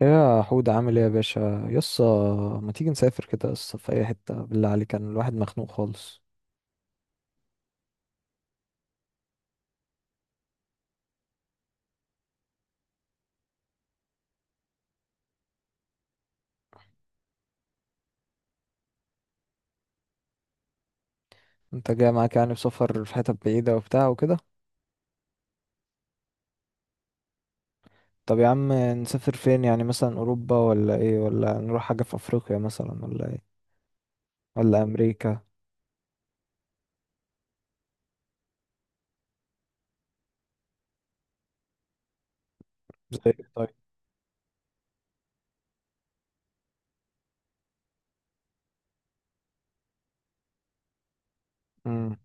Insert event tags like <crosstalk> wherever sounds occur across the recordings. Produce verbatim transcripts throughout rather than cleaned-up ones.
يا حود، عامل ايه يا باشا يسا؟ ما تيجي نسافر كده يسا في اي حتة، بالله عليك كان الواحد مخنوق خالص. انت جاي معاك يعني، بسفر في حتت بعيدة وبتاع وكده؟ طب يا عم، نسافر فين يعني؟ مثلا اوروبا ولا ايه، ولا نروح حاجة في افريقيا مثلا ولا ايه، ولا امريكا؟ زي ايه طيب؟ امم.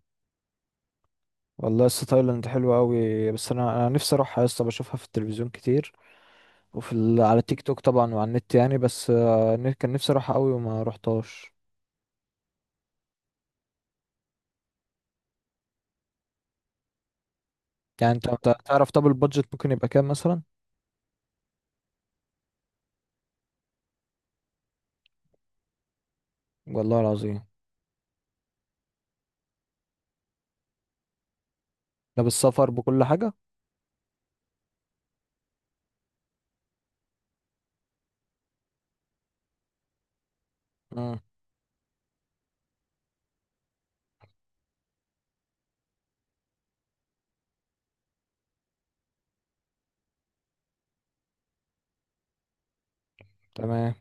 والله يسا، تايلاند حلوة قوي. بس انا انا نفسي اروحها يسا، بشوفها في التلفزيون كتير. وفي ال... على تيك توك طبعا وعلى النت يعني. بس آه، كان نفسي اروحها قوي وما روحتهاش. يعني انت أنت تعرف. طب البادجت ممكن يبقى كام مثلا؟ والله العظيم. ده بالسفر بكل حاجة؟ امم. تمام.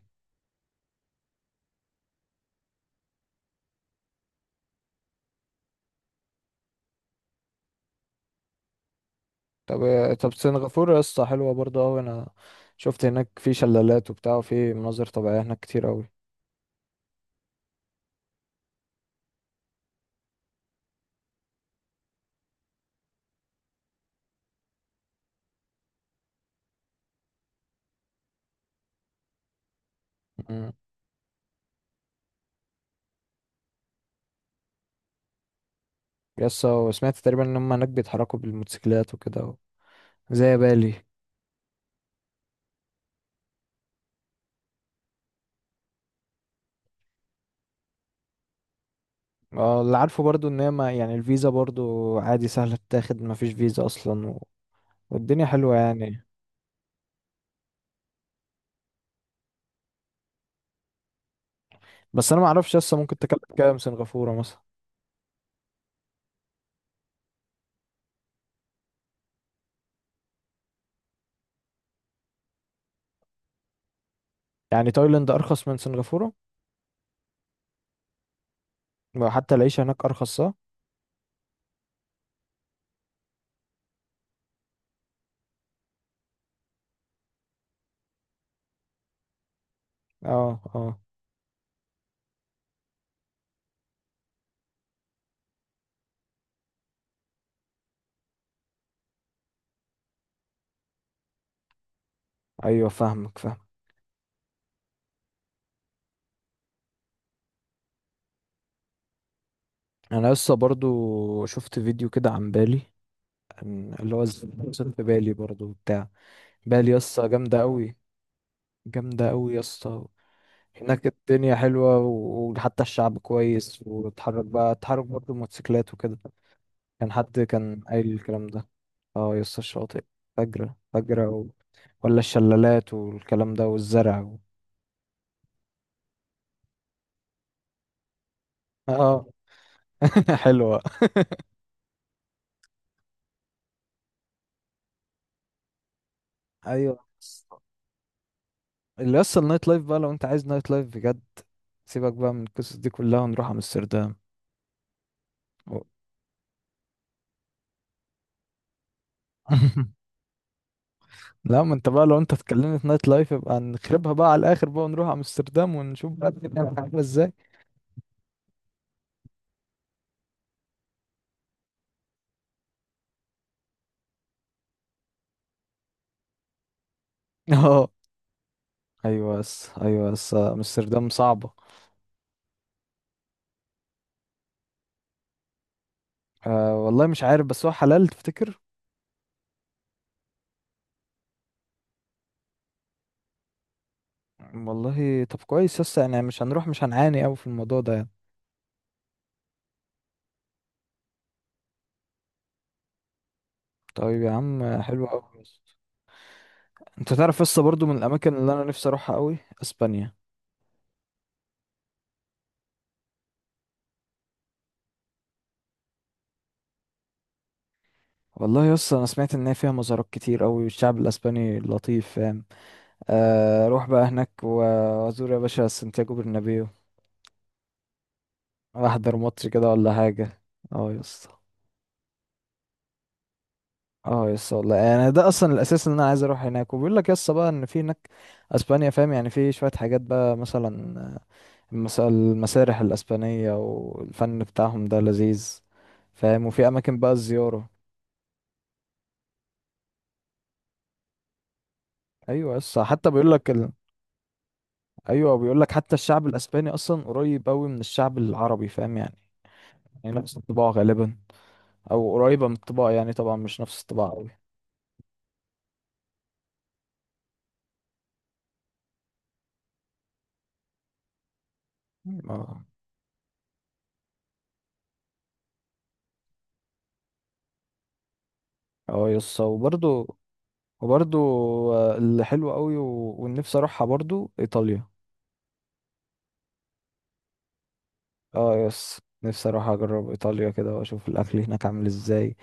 طب طب سنغافورة يا اسطى حلوة برضه أوي. أنا شفت هناك في شلالات وبتاع، وفي مناظر طبيعية هناك كتير أوي. امم. يا اسطى، وسمعت تقريبا إن هما هناك بيتحركوا بالموتوسيكلات وكده، زي بالي. اه، اللي عارفه برضه إن هي ما يعني الفيزا برضه عادي سهلة تتاخد، مفيش فيزا أصلا و... والدنيا حلوة يعني. بس أنا معرفش لسه، ممكن تكلف كام سنغافورة مثلا؟ يعني تايلاند أرخص من سنغافورة؟ وحتى العيشة هناك أرخص صح؟ اه، اه، ايوه فاهمك فاهم. انا لسه برضو شفت فيديو كده عن بالي. عن- اللي هو ازاي وصلت بالي برضو بتاع. بالي يسطا جامدة قوي، جامدة قوي يسطا. هناك الدنيا حلوة و- وحتى الشعب كويس، وتحرك بقى تحرك برضو موتوسيكلات وكده. كان حد كان قايل الكلام ده. اه، يسطا الشاطئ فجرة فجرة و... ولا الشلالات والكلام ده والزرع و... اه. <laughs> حلوة. ايوه، اللي اصلا النايت لايف بقى، لو انت عايز نايت لايف بجد سيبك بقى من القصص دي كلها ونروح امستردام. و- <laughs> لا ما انت بقى، لو انت اتكلمت نايت لايف يبقى نخربها بقى على الاخر بقى، ونروح امستردام ونشوف بقى الدنيا هتبقى عامله ازاي. <laughs> اه، ايوه بس، ايوه بس امستردام صعبه. أه، والله مش عارف، بس هو حلال تفتكر؟ والله طب كويس يس، يعني مش هنروح، مش هنعاني قوي في الموضوع ده يعني. طيب يا عم، حلو قوي. انت تعرف يس، برضو من الاماكن اللي انا نفسي اروحها قوي اسبانيا. والله يا اسطى، انا سمعت ان هي فيها مزارات كتير قوي، والشعب الاسباني لطيف فاهم. آه، اروح بقى هناك و- وازور يا باشا سانتياغو برنابيو. احضر ماتش كده ولا حاجه. اه يا اسطى. اه يا اسطى، والله يعني ده اصلا الاساس، ان انا عايز اروح هناك، وبيقول لك يا اسطى بقى ان في هناك اسبانيا فاهم. يعني في شويه حاجات بقى مثلا آه، المس- المسارح الاسبانيه والفن بتاعهم ده لذيذ فاهم. وفي اماكن بقى الزياره. ايوه يا اسطى حتى بيقول لك، ايوه بيقول لك حتى الشعب الاسباني اصلا قريب قوي من الشعب العربي فاهم يعني. يعني نفس الطباع غالبا، او قريبه من الطباع يعني، طبعا مش نفس الطباع قوي. اه، اه يس. وبرضو وبرضو آه، اللي حلو قوي و... والنفسي اروحها برضو ايطاليا. اه يس، نفسي اروح اجرب ايطاليا كده واشوف الاكل هناك عامل ازاي.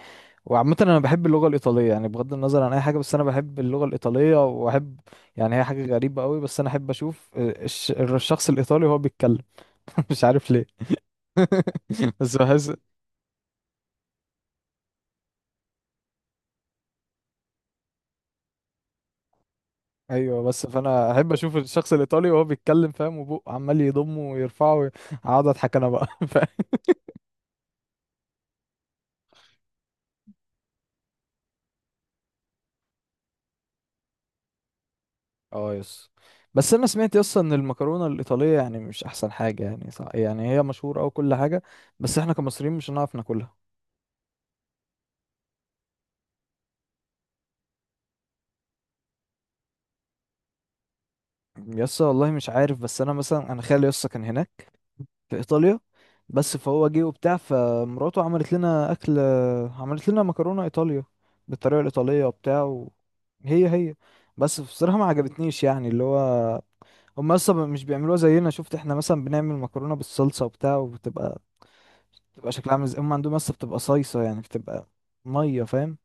وعامه انا بحب اللغه الايطاليه، يعني بغض النظر عن اي حاجه، بس انا بحب اللغه الايطاليه واحب. يعني هي حاجه غريبه قوي، بس انا احب اشوف آه، الش... الشخص الايطالي وهو بيتكلم. <laughs> مش عارف ليه. <laughs> بس بحس. ايوه بس، فانا احب اشوف الشخص الايطالي وهو بيتكلم فاهم، وبقه عمال يضمه ويرفعه وي- اقعد اضحك انا بقى. <laughs> فاهم. اه يس. بس انا سمعت اصلا ان المكرونه الايطاليه يعني مش احسن حاجه، يعني صح، يعني هي مشهوره او كل حاجه. بس احنا كمصريين مش هنعرف ناكلها. يسا والله مش عارف، بس انا مثلا انا خالي يسا كان هناك في ايطاليا. بس فهو جه وبتاع، فمراته عملت لنا اكل. عملت لنا مكرونه ايطاليا بالطريقه الايطاليه وبتاع و... هي هي بس بصراحه ما عجبتنيش، يعني اللي هو هم اصلا مش بيعملوها زينا. شفت، احنا مثلا بنعمل مكرونه بالصلصه وبتاع وبتبقى بتبقى شكلها عامل ازاي، هم عندهم اصلا بتبقى صيصه، يعني بتبقى ميه فاهم.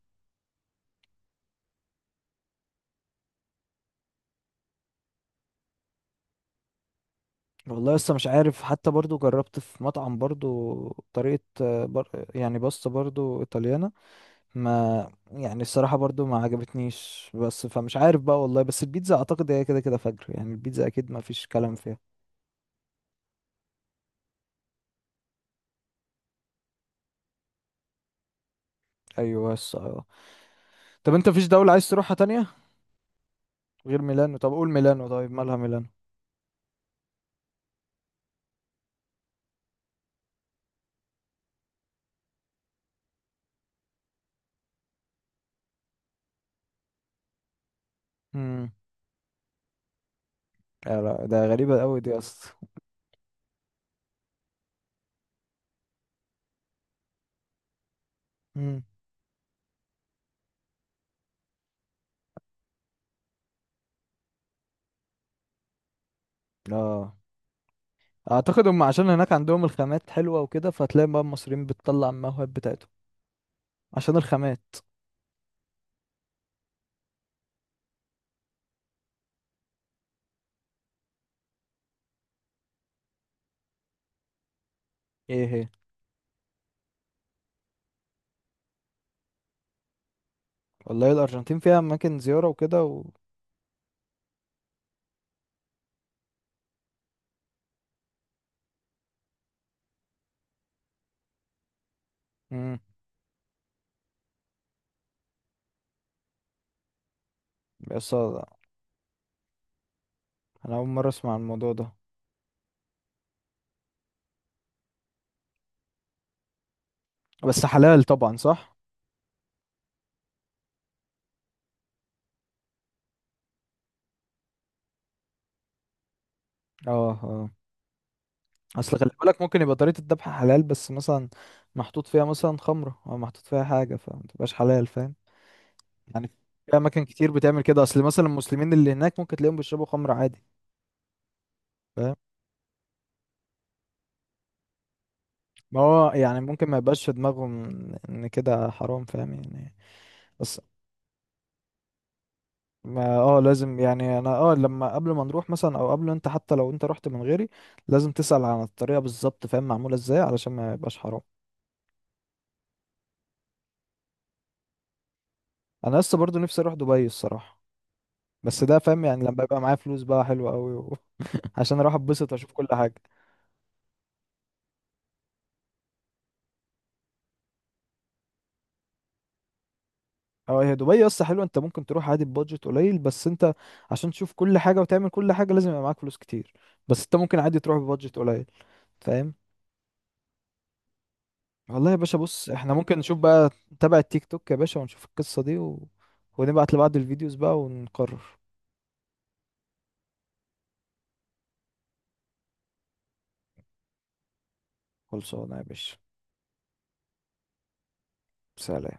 والله لسه مش عارف، حتى برضو جربت في مطعم برضو طريقة آه، بر... يعني باستا برضو ايطاليانة. ما يعني الصراحة برضو ما عجبتنيش، بس فمش عارف بقى والله. بس البيتزا اعتقد هي كده كده فجر، يعني البيتزا اكيد ما فيش كلام فيها. ايوه بس اه. طب انت فيش دولة عايز تروحها تانية غير ميلانو؟ طب قول ميلانو. طيب مالها ميلانو؟ امم. لا، لا، ده غريبة قوي دي اصلا. امم. اه، اعتقد هم عشان هناك عندهم الخامات حلوة وكده، فتلاقي بقى المصريين بتطلع الموهب بتاعتهم عشان الخامات. ايه هي؟ والله الارجنتين فيها اماكن زيارة وكده و امم. بس آه، انا اول مرة اسمع عن الموضوع ده. بس حلال طبعا صح؟ اه اه. اصل خلي بالك، ممكن يبقى طريقة الذبح حلال بس مثلا محطوط فيها مثلا خمرة، او محطوط فيها حاجة، فما تبقاش حلال فاهم. يعني في اماكن كتير بتعمل كده، اصل مثلا المسلمين اللي هناك ممكن تلاقيهم بيشربوا خمرة عادي. فاهم. ما هو يعني ممكن ما يبقاش في دماغهم ان كده حرام، فاهم يعني. بس ما اه لازم يعني انا اه لما قبل ما نروح مثلا، او قبل انت، حتى لو انت رحت من غيري لازم تسأل عن الطريقة بالظبط فاهم، معمولة ازاي علشان ما يبقاش حرام. انا لسه برضو نفسي اروح دبي الصراحة. بس ده فاهم يعني، لما يبقى معايا فلوس بقى حلوة قوي و... <laughs> عشان اروح اتبسط واشوف كل حاجة. اه، هي دبي يا اسطى حلوة، انت ممكن تروح عادي ببادجت قليل. بس انت عشان تشوف كل حاجة وتعمل كل حاجة لازم يبقى معاك فلوس كتير. بس انت ممكن عادي تروح ببادجت قليل فاهم. والله يا باشا بص، احنا ممكن نشوف بقى، نتابع التيك توك يا باشا ونشوف القصة دي و... ونبعت لبعض الفيديوز بقى ونقرر. خلصانة يا باشا. سلام.